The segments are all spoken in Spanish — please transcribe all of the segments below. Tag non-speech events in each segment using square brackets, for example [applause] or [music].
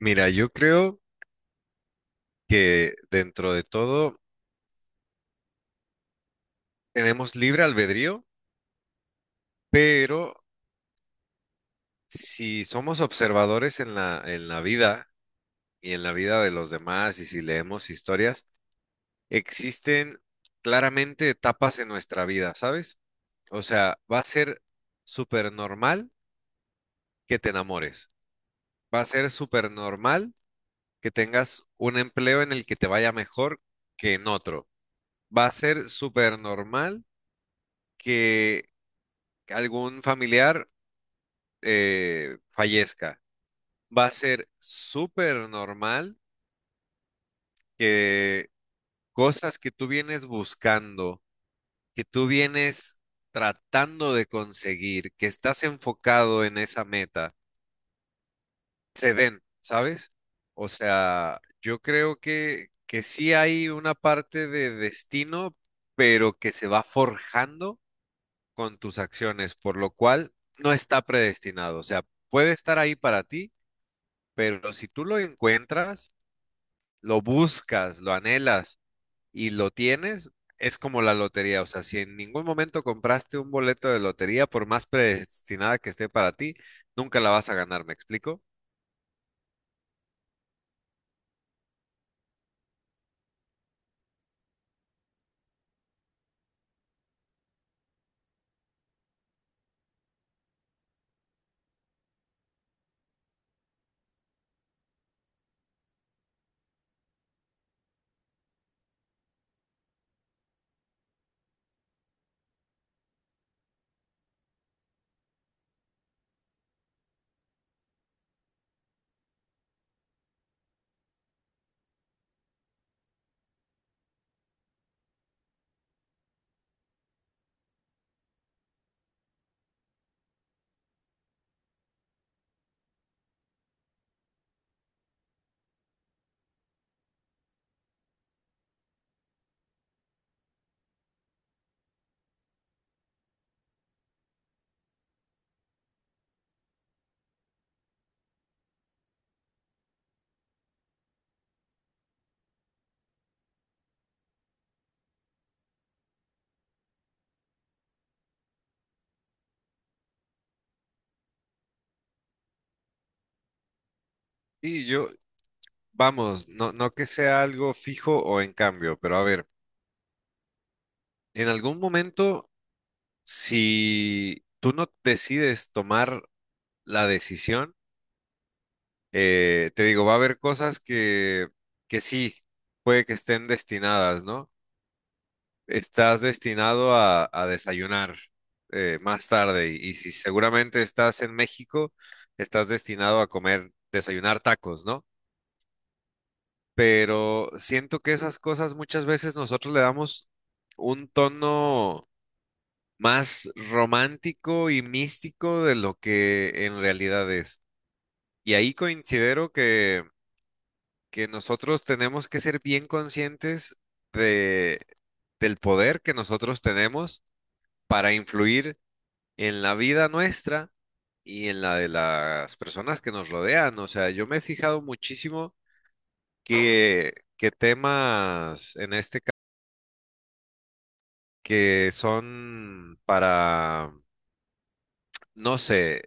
Mira, yo creo que dentro de todo tenemos libre albedrío, pero si somos observadores en la vida y en la vida de los demás y si leemos historias, existen claramente etapas en nuestra vida, ¿sabes? O sea, va a ser súper normal que te enamores, va a ser súper normal que tengas un empleo en el que te vaya mejor que en otro, va a ser súper normal que algún familiar fallezca. Va a ser súper normal que cosas que tú vienes buscando, que tú vienes tratando de conseguir, que estás enfocado en esa meta, se den, ¿sabes? O sea, yo creo que sí hay una parte de destino, pero que se va forjando con tus acciones, por lo cual no está predestinado. O sea, puede estar ahí para ti, pero si tú lo encuentras, lo buscas, lo anhelas y lo tienes, es como la lotería. O sea, si en ningún momento compraste un boleto de lotería, por más predestinada que esté para ti, nunca la vas a ganar, ¿me explico? Y yo, vamos, no, no que sea algo fijo o en cambio, pero a ver, en algún momento, si tú no decides tomar la decisión, te digo, va a haber cosas que sí, puede que estén destinadas, ¿no? Estás destinado a desayunar más tarde y si seguramente estás en México, estás destinado a comer, desayunar tacos, ¿no? Pero siento que esas cosas muchas veces nosotros le damos un tono más romántico y místico de lo que en realidad es. Y ahí considero que nosotros tenemos que ser bien conscientes de, del poder que nosotros tenemos para influir en la vida nuestra y en la de las personas que nos rodean. O sea, yo me he fijado muchísimo que temas en este caso que son para, no sé,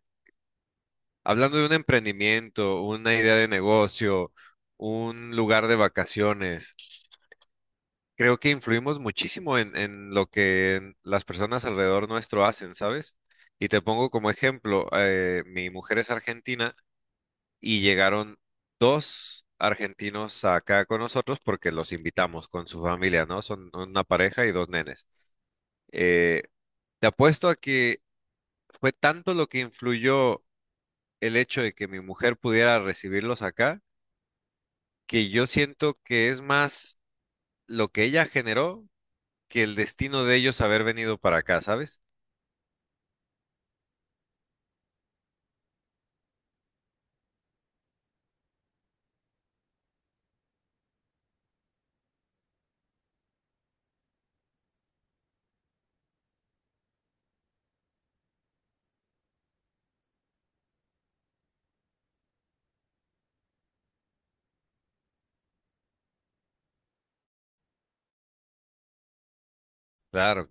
hablando de un emprendimiento, una idea de negocio, un lugar de vacaciones, creo que influimos muchísimo en lo que las personas alrededor nuestro hacen, ¿sabes? Y te pongo como ejemplo, mi mujer es argentina y llegaron dos argentinos acá con nosotros porque los invitamos con su familia, ¿no? Son una pareja y dos nenes. Eh, Te apuesto a que fue tanto lo que influyó el hecho de que mi mujer pudiera recibirlos acá, que yo siento que es más lo que ella generó que el destino de ellos haber venido para acá, ¿sabes? Claro,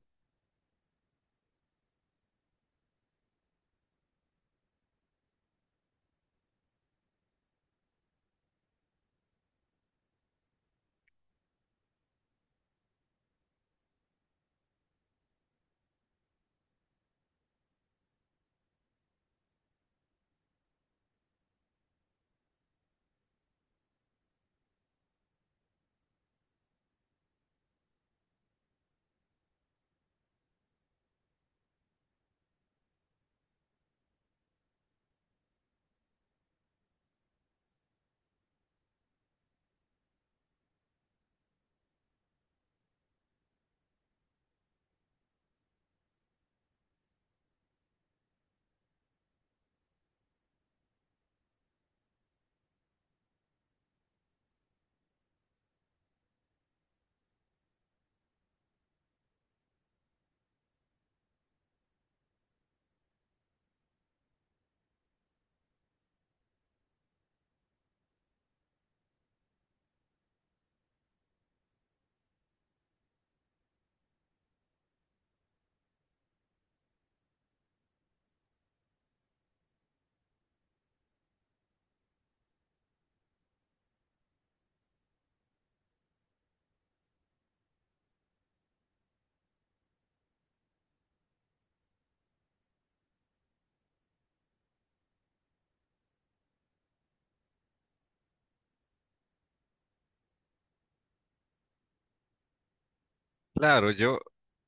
claro, yo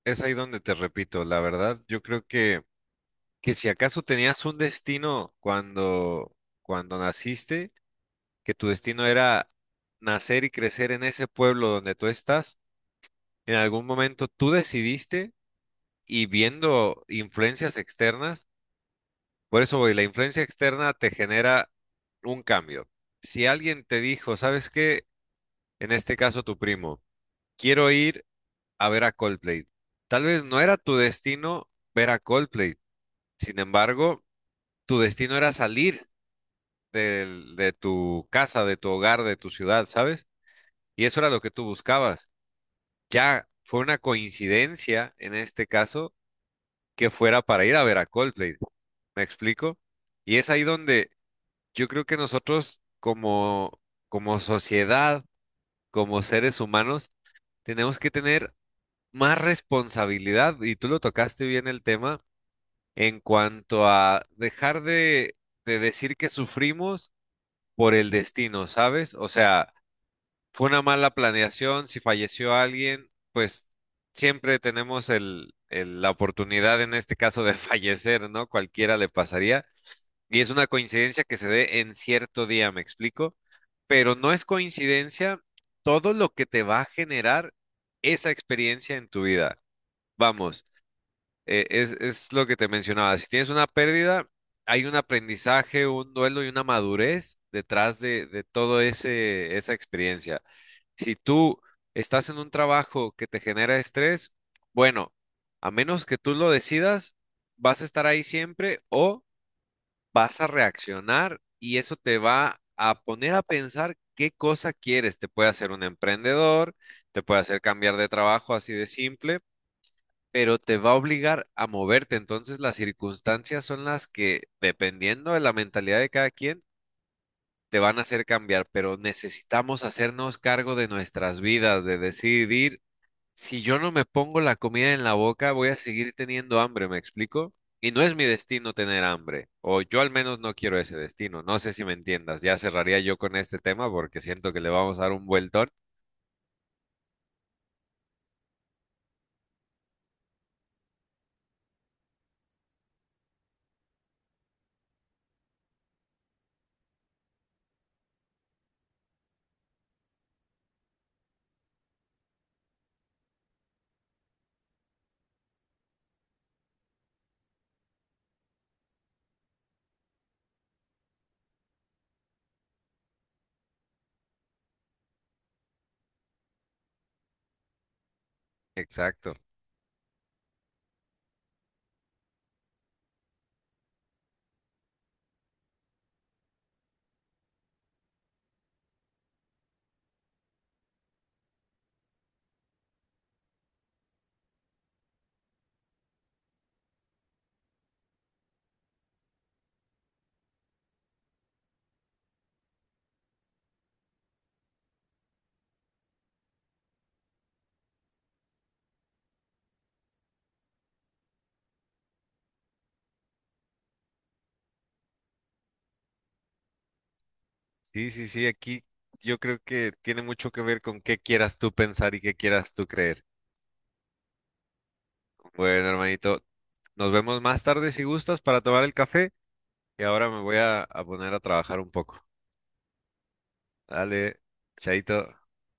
es ahí donde te repito, la verdad, yo creo que si acaso tenías un destino cuando, cuando naciste, que tu destino era nacer y crecer en ese pueblo donde tú estás, en algún momento tú decidiste y viendo influencias externas, por eso voy, la influencia externa te genera un cambio. Si alguien te dijo, ¿sabes qué? En este caso tu primo, quiero ir a ver a Coldplay. Tal vez no era tu destino ver a Coldplay, sin embargo, tu destino era salir del- de tu casa, de tu hogar, de tu ciudad, ¿sabes? Y eso era lo que tú buscabas. Ya fue una coincidencia en este caso que fuera para ir a ver a Coldplay, ¿me explico? Y es ahí donde yo creo que nosotros como, como sociedad, como seres humanos, tenemos que tener más responsabilidad, y tú lo tocaste bien el tema, en cuanto a dejar de decir que sufrimos por el destino, ¿sabes? O sea, fue una mala planeación, si falleció alguien, pues siempre tenemos el- la oportunidad en este caso de [laughs] fallecer, ¿no? Cualquiera le pasaría. Y es una coincidencia que se dé en cierto día, ¿me explico? Pero no es coincidencia todo lo que te va a generar esa experiencia en tu vida. Vamos es lo que te mencionaba. Si tienes una pérdida, hay un aprendizaje, un duelo y una madurez detrás de todo ese, esa experiencia. Si tú estás en un trabajo que te genera estrés, bueno, a menos que tú lo decidas, vas a estar ahí siempre o vas a reaccionar y eso te va a poner a pensar qué cosa quieres. Te puede hacer un emprendedor, te puede hacer cambiar de trabajo así de simple, pero te va a obligar a moverte. Entonces las circunstancias son las que, dependiendo de la mentalidad de cada quien, te van a hacer cambiar, pero necesitamos hacernos cargo de nuestras vidas, de decidir, si yo no me pongo la comida en la boca, voy a seguir teniendo hambre, ¿me explico? Y no es mi destino tener hambre, o yo al menos no quiero ese destino, no sé si me entiendas, ya cerraría yo con este tema porque siento que le vamos a dar un vueltón. Exacto. Sí, sí, sí, aquí yo creo que tiene mucho que ver con qué quieras tú pensar y qué quieras tú creer. Bueno, hermanito, nos vemos más tarde si gustas para tomar el café y ahora me voy a poner a trabajar un poco. Dale, chaito.